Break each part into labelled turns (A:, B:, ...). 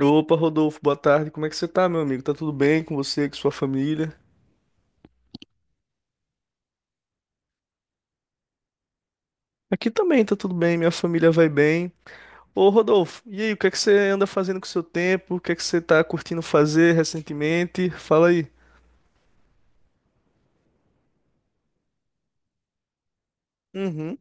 A: Opa, Rodolfo, boa tarde. Como é que você tá, meu amigo? Tá tudo bem com você, com sua família? Aqui também tá tudo bem, minha família vai bem. Ô, Rodolfo, e aí, o que é que você anda fazendo com o seu tempo? O que é que você tá curtindo fazer recentemente? Fala aí. Uhum.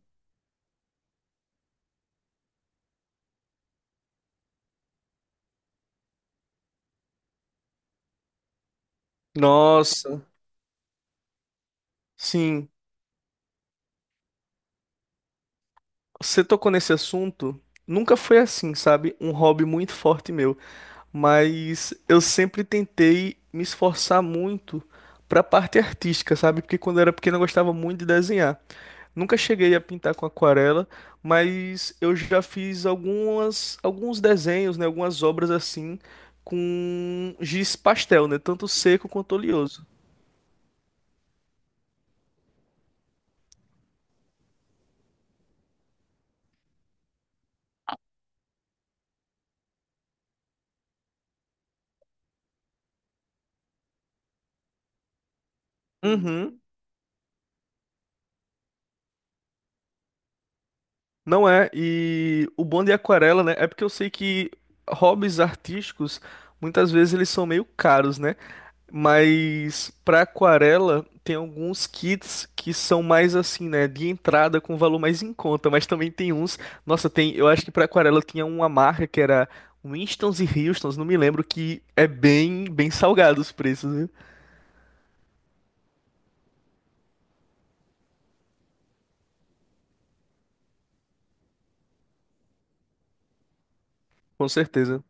A: Nossa, sim. Você tocou nesse assunto? Nunca foi assim, sabe? Um hobby muito forte meu. Mas eu sempre tentei me esforçar muito pra parte artística, sabe? Porque quando eu era pequeno eu gostava muito de desenhar. Nunca cheguei a pintar com aquarela, mas eu já fiz alguns desenhos, né? Algumas obras assim com giz pastel, né? Tanto seco quanto oleoso. Uhum. Não é, e o bom de aquarela, né? É porque eu sei que hobbies artísticos, muitas vezes eles são meio caros, né? Mas para aquarela tem alguns kits que são mais assim, né, de entrada com valor mais em conta, mas também tem uns, nossa, tem, eu acho que para aquarela tinha uma marca que era Winstons e Houstons, não me lembro que é bem, bem salgado os preços, viu? Com certeza.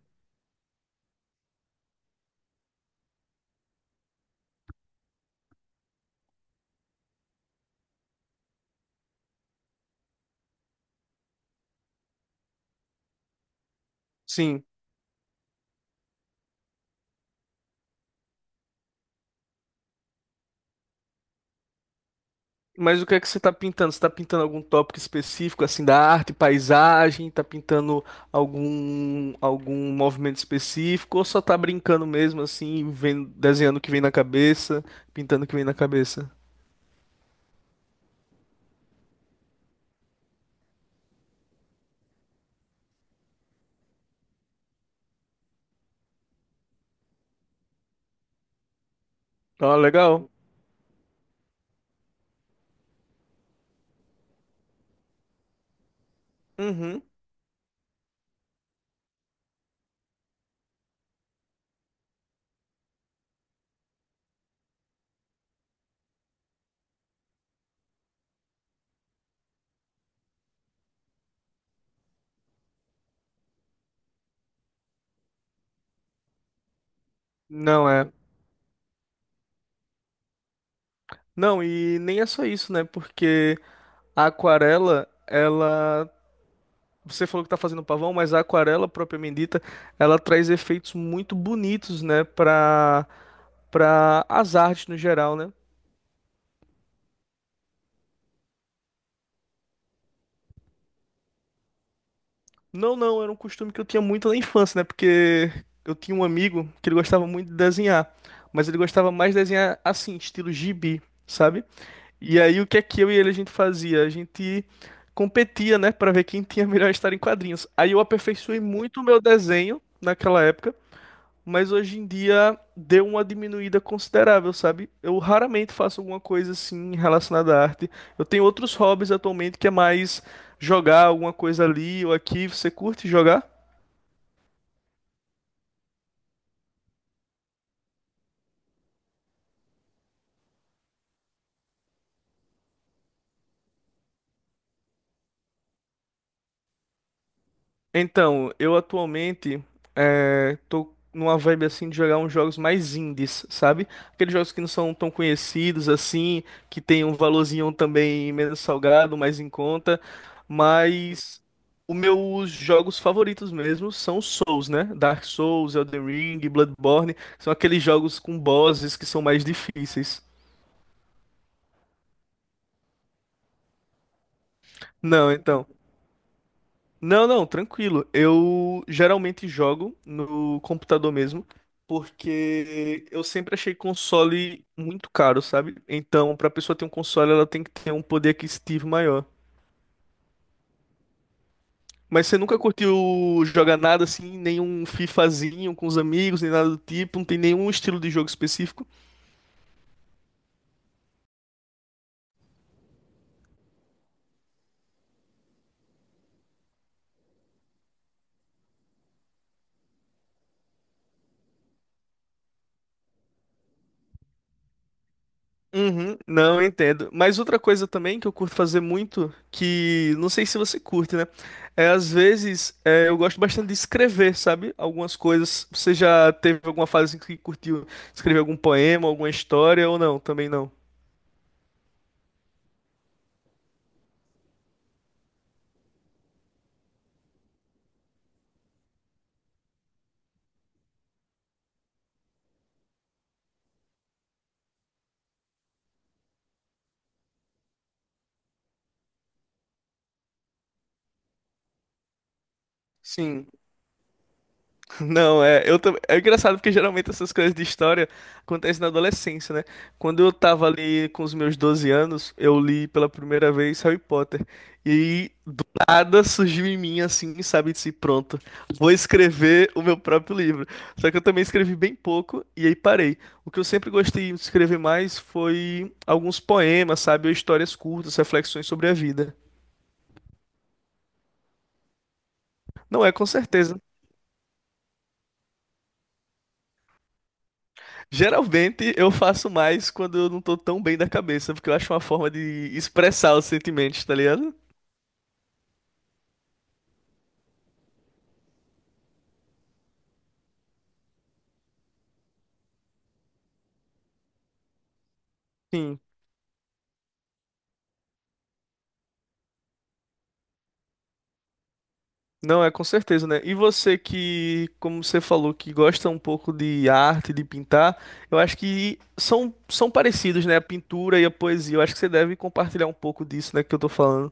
A: Sim. Mas o que é que você está pintando? Você está pintando algum tópico específico, assim, da arte, paisagem? Está pintando algum movimento específico? Ou só está brincando mesmo, assim, vendo, desenhando o que vem na cabeça, pintando o que vem na cabeça? Ah, legal. Uhum. Não é. Não, e nem é só isso, né? Porque a aquarela, ela. Você falou que tá fazendo pavão, mas a aquarela propriamente dita, ela traz efeitos muito bonitos, né? Para as artes no geral, né? Não, não, era um costume que eu tinha muito na infância, né? Porque eu tinha um amigo que ele gostava muito de desenhar, mas ele gostava mais de desenhar assim, estilo gibi, sabe? E aí o que é que eu e ele a gente fazia? A gente competia, né, pra ver quem tinha a melhor história em quadrinhos. Aí eu aperfeiçoei muito o meu desenho naquela época, mas hoje em dia deu uma diminuída considerável, sabe? Eu raramente faço alguma coisa assim relacionada à arte. Eu tenho outros hobbies atualmente, que é mais jogar alguma coisa ali ou aqui. Você curte jogar? Então, eu atualmente tô numa vibe assim de jogar uns jogos mais indies, sabe? Aqueles jogos que não são tão conhecidos assim, que tem um valorzinho também menos salgado, mais em conta, mas os meus jogos favoritos mesmo são os Souls, né? Dark Souls, Elden Ring, Bloodborne, são aqueles jogos com bosses que são mais difíceis. Não, então. Não, não, tranquilo. Eu geralmente jogo no computador mesmo, porque eu sempre achei console muito caro, sabe? Então, pra pessoa ter um console, ela tem que ter um poder aquisitivo maior. Mas você nunca curtiu jogar nada assim, nenhum FIFAzinho com os amigos, nem nada do tipo, não tem nenhum estilo de jogo específico? Uhum, não, eu entendo. Mas outra coisa também que eu curto fazer muito, que não sei se você curte, né? É, às vezes é, eu gosto bastante de escrever, sabe? Algumas coisas. Você já teve alguma fase em que curtiu escrever algum poema, alguma história ou não? Também não. Sim. Não, é engraçado, porque geralmente essas coisas de história acontecem na adolescência, né? Quando eu tava ali com os meus 12 anos, eu li pela primeira vez Harry Potter. E do nada surgiu em mim assim, sabe, disse, pronto, vou escrever o meu próprio livro. Só que eu também escrevi bem pouco e aí parei. O que eu sempre gostei de escrever mais foi alguns poemas, sabe, ou histórias curtas, reflexões sobre a vida. Não é, com certeza. Geralmente eu faço mais quando eu não tô tão bem da cabeça, porque eu acho uma forma de expressar os sentimentos, tá ligado? Sim. Não, é com certeza, né? E você que, como você falou, que gosta um pouco de arte, de pintar, eu acho que são parecidos, né? A pintura e a poesia. Eu acho que você deve compartilhar um pouco disso, né, que eu tô falando.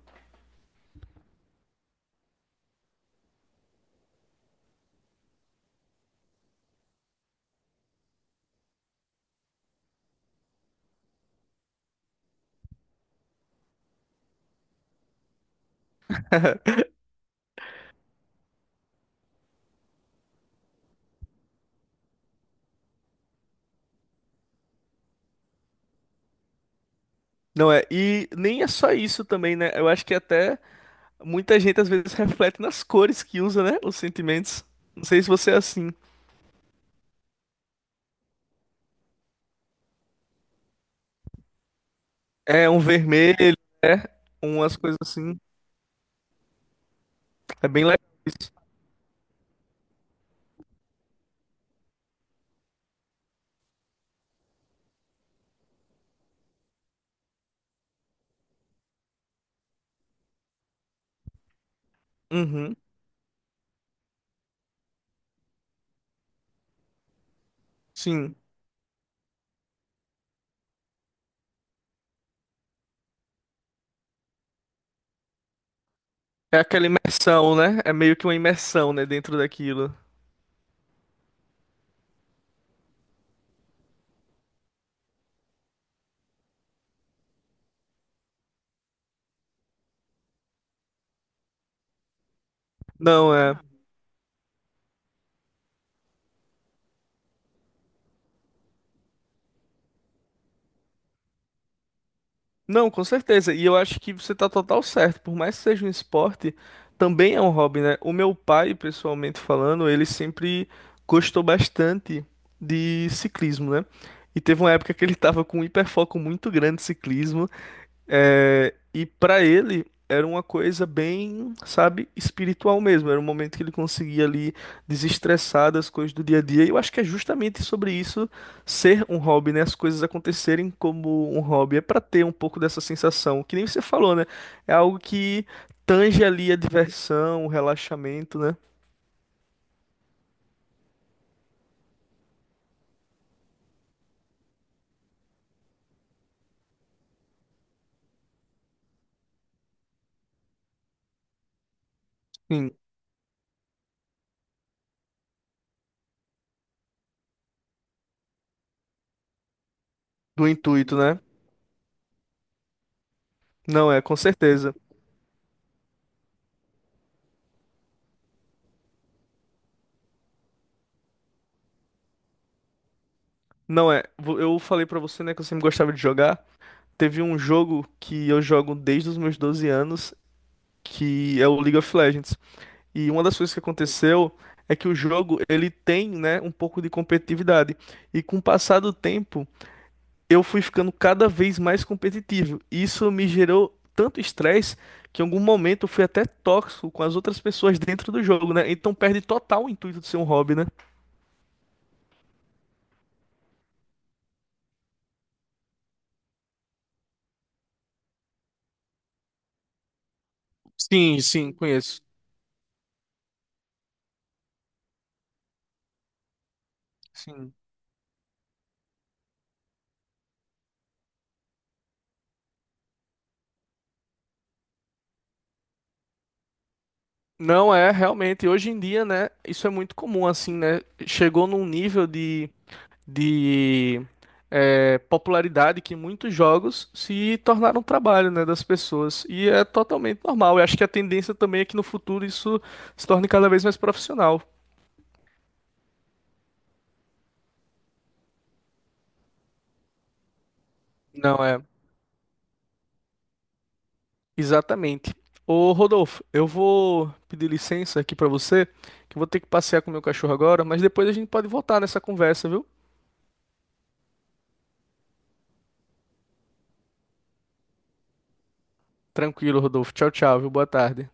A: Não é? E nem é só isso também, né? Eu acho que até muita gente às vezes reflete nas cores que usa, né? Os sentimentos. Não sei se você é assim. É um vermelho, né? Umas coisas assim. É bem legal isso. Uhum, sim. É aquela imersão, né? É meio que uma imersão, né, dentro daquilo. Não, é. Não, com certeza. E eu acho que você tá total certo. Por mais que seja um esporte, também é um hobby, né? O meu pai, pessoalmente falando, ele sempre gostou bastante de ciclismo, né? E teve uma época que ele tava com um hiperfoco muito grande de ciclismo. É, e para ele era uma coisa bem, sabe, espiritual mesmo. Era um momento que ele conseguia ali desestressar das coisas do dia a dia. E eu acho que é justamente sobre isso ser um hobby, né? As coisas acontecerem como um hobby. É para ter um pouco dessa sensação, que nem você falou, né? É algo que tange ali a diversão, o relaxamento, né? Sim, do intuito, né? Não é, com certeza. Não é. Eu falei pra você, né, que eu sempre gostava de jogar. Teve um jogo que eu jogo desde os meus 12 anos, que é o League of Legends. E uma das coisas que aconteceu é que o jogo ele tem, né, um pouco de competitividade. E com o passar do tempo, eu fui ficando cada vez mais competitivo. E isso me gerou tanto estresse que em algum momento eu fui até tóxico com as outras pessoas dentro do jogo, né? Então perde total o intuito de ser um hobby, né? Sim, sim, conheço. Sim. Não é, realmente. Hoje em dia, né? Isso é muito comum, assim, né? Chegou num nível de popularidade, que muitos jogos se tornaram um trabalho, né, das pessoas. E é totalmente normal. Eu acho que a tendência também é que no futuro isso se torne cada vez mais profissional. Não é? Exatamente. Ô Rodolfo, eu vou pedir licença aqui pra você, que eu vou ter que passear com o meu cachorro agora, mas depois a gente pode voltar nessa conversa, viu? Tranquilo, Rodolfo. Tchau, tchau, viu? Boa tarde.